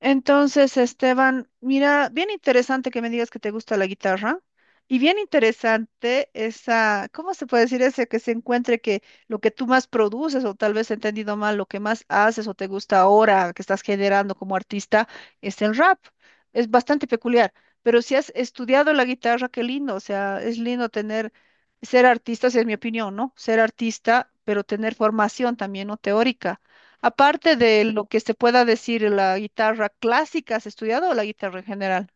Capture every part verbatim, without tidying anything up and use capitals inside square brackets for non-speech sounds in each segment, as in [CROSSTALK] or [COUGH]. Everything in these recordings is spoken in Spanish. Entonces, Esteban, mira, bien interesante que me digas que te gusta la guitarra y bien interesante esa, ¿cómo se puede decir ese que se encuentre que lo que tú más produces o tal vez he entendido mal, lo que más haces o te gusta ahora que estás generando como artista es el rap? Es bastante peculiar, pero si has estudiado la guitarra, qué lindo, o sea, es lindo tener, ser artista, esa es mi opinión, ¿no? Ser artista, pero tener formación también, ¿no? Teórica. Aparte de lo que se pueda decir, la guitarra clásica, ¿has estudiado o la guitarra en general?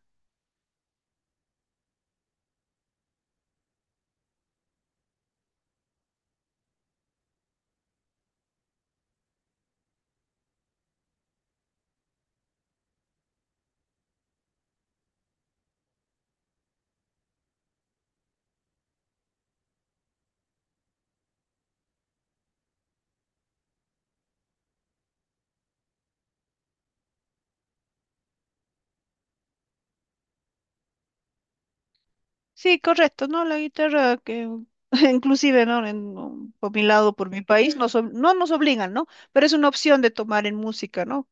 Sí, correcto, ¿no? La guitarra que [LAUGHS] inclusive, ¿no? En, um, por mi lado, por mi país, nos, ob- no nos obligan, ¿no? Pero es una opción de tomar en música, ¿no?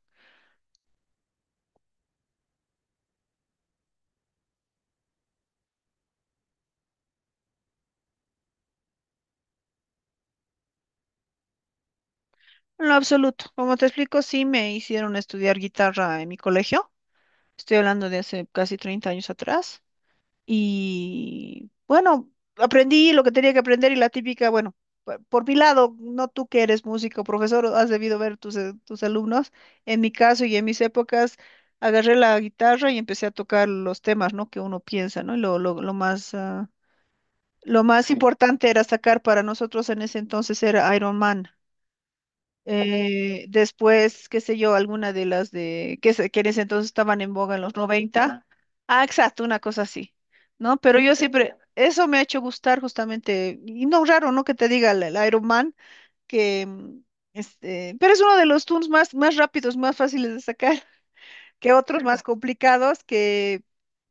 En lo absoluto. Como te explico, sí me hicieron estudiar guitarra en mi colegio. Estoy hablando de hace casi treinta años atrás. Y bueno, aprendí lo que tenía que aprender y la típica, bueno, por, por mi lado, no tú que eres músico, profesor, has debido ver tus, eh, tus alumnos. En mi caso y en mis épocas, agarré la guitarra y empecé a tocar los temas, ¿no? Que uno piensa, ¿no? Y lo, lo, lo más, ah, lo más importante era sacar para nosotros en ese entonces era Iron Man. Eh, después, qué sé yo, alguna de las de que, se- que en ese entonces estaban en boga en los noventa. Ah, exacto, una cosa así, ¿no? Pero yo siempre, eso me ha hecho gustar justamente, y no raro, ¿no? Que te diga el, el Iron Man, que mm, este, pero es uno de los tunes más, más rápidos, más fáciles de sacar que otros más complicados que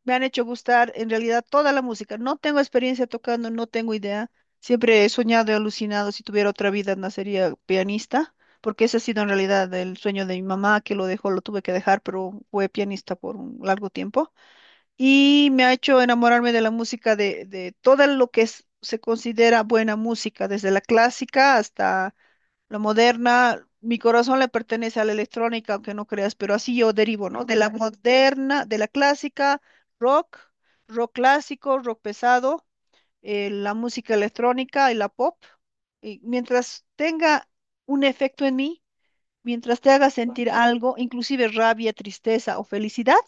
me han hecho gustar en realidad toda la música. No tengo experiencia tocando, no tengo idea. Siempre he soñado y alucinado, si tuviera otra vida, nacería pianista, porque ese ha sido en realidad el sueño de mi mamá, que lo dejó, lo tuve que dejar, pero fue pianista por un largo tiempo. Y me ha hecho enamorarme de la música, de, de todo lo que es- se considera buena música, desde la clásica hasta lo moderna, mi corazón le pertenece a la electrónica, aunque no creas, pero así yo derivo, ¿no? De la Ujú. Moderna, de la clásica, rock, rock clásico, rock pesado, eh, la música electrónica y la pop. Y mientras tenga un efecto en mí, mientras te haga sentir algo, inclusive rabia, tristeza o felicidad,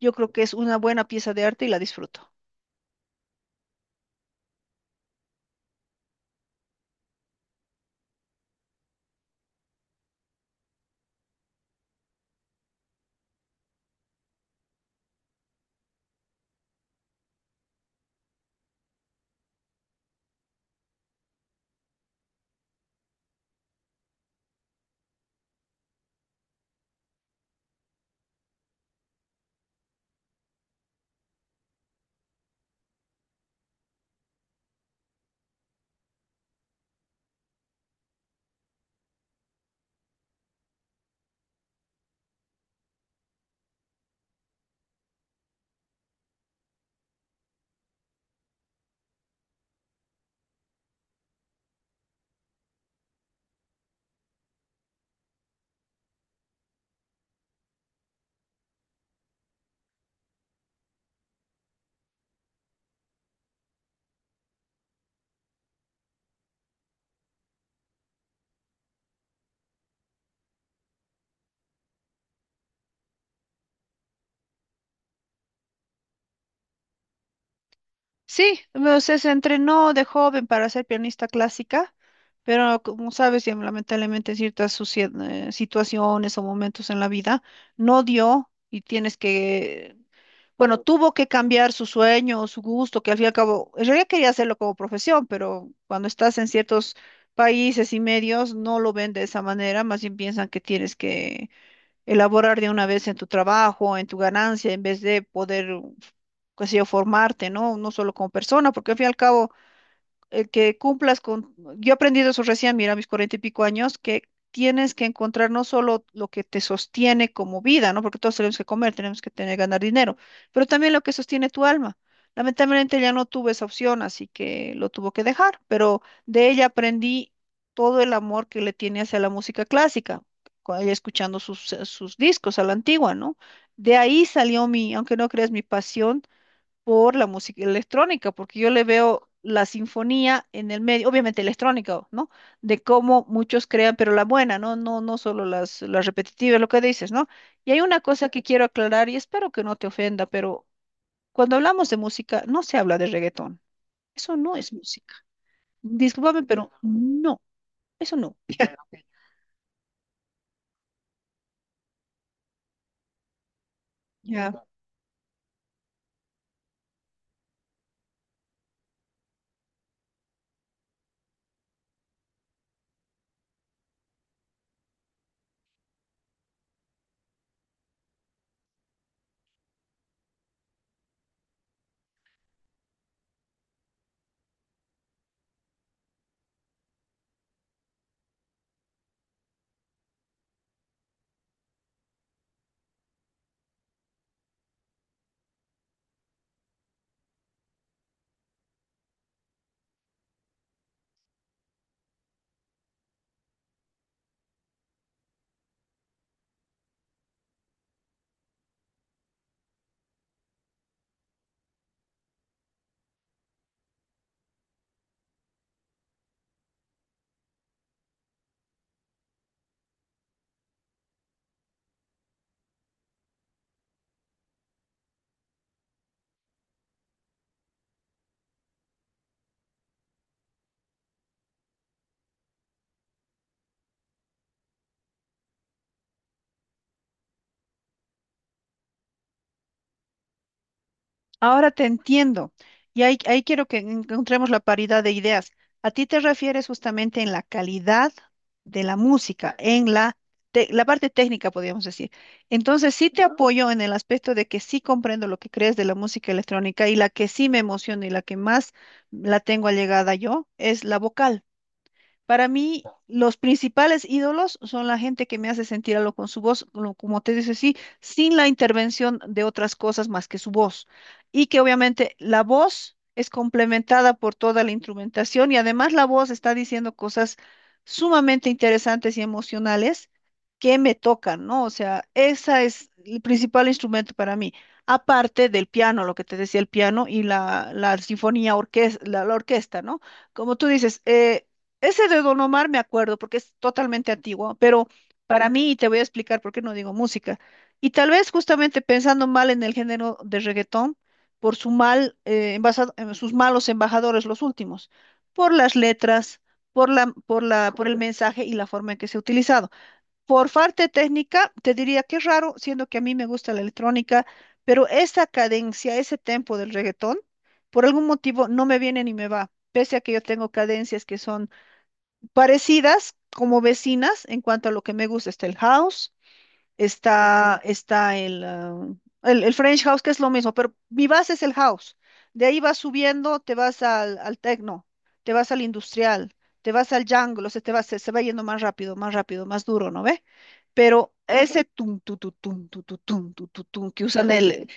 yo creo que es una buena pieza de arte y la disfruto. Sí, o sea, se entrenó de joven para ser pianista clásica, pero como sabes, ya lamentablemente en ciertas sucie- eh, situaciones o momentos en la vida no dio y tienes que, bueno, tuvo que cambiar su sueño, su gusto, que al fin y al cabo, en realidad quería hacerlo como profesión, pero cuando estás en ciertos países y medios no lo ven de esa manera, más bien piensan que tienes que elaborar de una vez en tu trabajo, en tu ganancia, en vez de poder, qué sé yo, formarte, ¿no? No solo como persona, porque al fin y al cabo el que cumplas con, yo he aprendido eso recién, mira, a mis cuarenta y pico años, que tienes que encontrar no solo lo que te sostiene como vida, ¿no? Porque todos tenemos que comer, tenemos que tener, ganar dinero, pero también lo que sostiene tu alma. Lamentablemente ya no tuve esa opción, así que lo tuvo que dejar, pero de ella aprendí todo el amor que le tiene hacia la música clásica, con ella escuchando sus, sus discos a la antigua, ¿no? De ahí salió mi, aunque no creas, mi pasión por la música electrónica, porque yo le veo la sinfonía en el medio, obviamente electrónica, ¿no? De cómo muchos crean, pero la buena, ¿no? No, no solo las, las repetitivas, lo que dices, ¿no? Y hay una cosa que quiero aclarar y espero que no te ofenda, pero cuando hablamos de música, no se habla de reggaetón. Eso no es música. Discúlpame, pero no, eso no. Ya. Ahora te entiendo. Y ahí, ahí quiero que encontremos la paridad de ideas. A ti te refieres justamente en la calidad de la música, en la, te- la parte técnica, podríamos decir. Entonces, sí te Ujú. Apoyo en el aspecto de que sí comprendo lo que crees de la música electrónica y la que sí me emociona y la que más la tengo allegada yo es la vocal. Para mí, los principales ídolos son la gente que me hace sentir algo con su voz, como como te dice, sí, sin la intervención de otras cosas más que su voz. Y que obviamente la voz es complementada por toda la instrumentación y además la voz está diciendo cosas sumamente interesantes y emocionales que me tocan, ¿no? O sea, esa es el principal instrumento para mí, aparte del piano, lo que te decía el piano y la, la sinfonía, orques- la, la orquesta, ¿no? Como tú dices, eh, ese de Don Omar me acuerdo porque es totalmente antiguo, pero para mí, y te voy a explicar por qué no digo música, y tal vez justamente pensando mal en el género de reggaetón, por su mal, eh, embasa- eh, sus malos embajadores los últimos, por las letras, por la, por la, por el mensaje y la forma en que se ha utilizado. Por parte técnica, te diría que es raro, siendo que a mí me gusta la electrónica, pero esa cadencia, ese tempo del reggaetón, por algún motivo no me viene ni me va, pese a que yo tengo cadencias que son parecidas como vecinas en cuanto a lo que me gusta. Está el house, está, está el, ah, el, el French house, que es lo mismo, pero mi base es el house. De ahí vas subiendo, te vas al, al techno, te vas al industrial, te vas al jungle, o sea, te vas, se, se va yendo más rápido, más rápido, más duro, ¿no ve? Pero ese tum, tu, tu, tum, tu, tu, tum, tu, tu, tum, que usan el,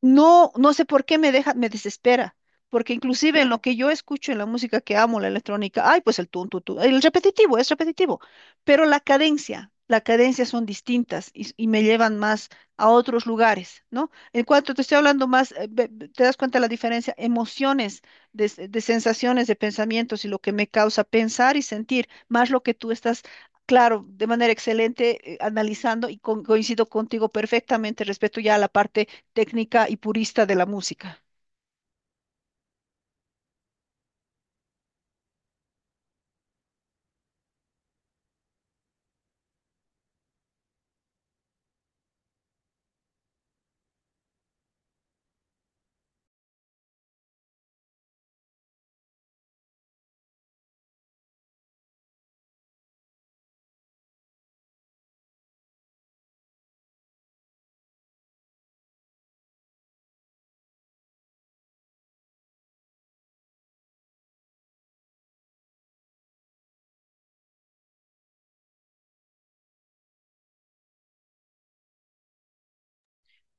no, no sé por qué me deja, me desespera, porque inclusive en lo que yo escucho en la música que amo, la electrónica, ay, pues el tun, tun, tun, el repetitivo, es repetitivo, pero la cadencia, la cadencia son distintas y, y me llevan más a otros lugares, ¿no? En cuanto te estoy hablando más, eh, ve- ve- te das cuenta la diferencia, emociones, de, s- de sensaciones, de pensamientos y lo que me causa pensar y sentir, más lo que tú estás, claro, de manera excelente, eh, analizando y con- coincido contigo perfectamente respecto ya a la parte técnica y purista de la música.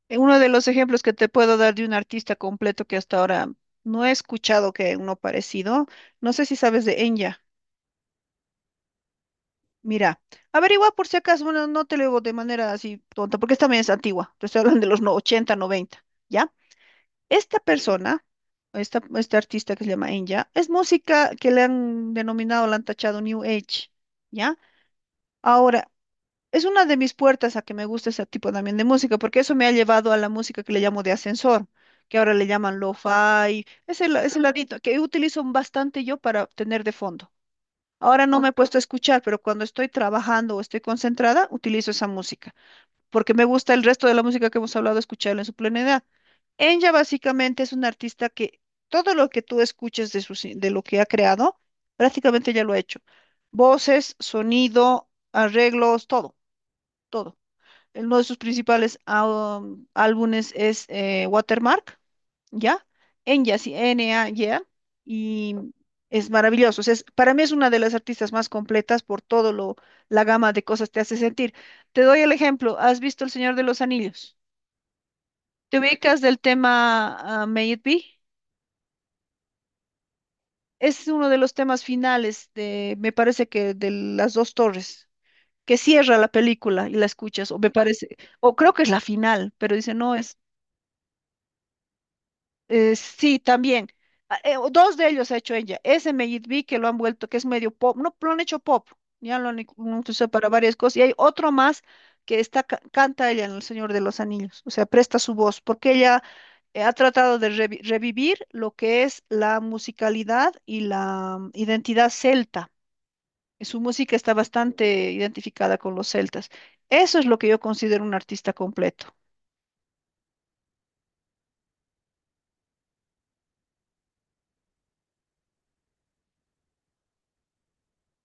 Eh, Uno de los ejemplos que te puedo dar de un artista completo que hasta ahora no he escuchado que uno parecido, no sé si sabes de Enya. Mira, averigua por si acaso, bueno, no te lo digo de manera así tonta, porque esta también es antigua, te estoy hablando de los no- ochenta, noventa, ¿ya? Esta persona, esta, este artista que se llama Enya, es música que le han denominado, la han tachado New Age, ¿ya? Ahora, es una de mis puertas a que me gusta ese tipo también de música, porque eso me ha llevado a la música que le llamo de ascensor, que ahora le llaman lo-fi, ese el, es ladito que utilizo bastante yo para tener de fondo. Ahora no me he puesto a escuchar, pero cuando estoy trabajando o estoy concentrada, utilizo esa música porque me gusta el resto de la música que hemos hablado, escucharla en su plenidad. Enya básicamente es una artista que todo lo que tú escuches de, sus- de lo que ha creado, prácticamente ya lo ha hecho. Voces, sonido, arreglos, todo, todo. El- Uno de sus principales ah, um, álbumes es eh, Watermark. ¿Ya? Enya, así, N-A-Y-A, y A, Yeah, y es maravilloso. O sea, es- para mí es una de las artistas más completas por todo lo, la gama de cosas te hace sentir. Te doy el ejemplo, ¿has visto El Señor de los Anillos? ¿Te ubicas del tema ah, May It Be? Es uno de los temas finales de, me parece que de las dos torres, que cierra la película y la escuchas, o me parece, o creo que es la final, pero dice, no, es Eh, sí, también. Ah, eh, o dos de ellos ha hecho ella. Ese Meyit Bey que lo han vuelto, que es medio pop. No, lo han hecho pop. Ya lo han ic- lo han utilizado para varias cosas. Y hay otro más que está, ca- canta ella en El Señor de los Anillos. O sea, presta su voz, porque ella eh, ha tratado de revi- revivir lo que es la musicalidad y la mm, identidad celta. Y su música está bastante identificada con los celtas. Eso es lo que yo considero un artista completo.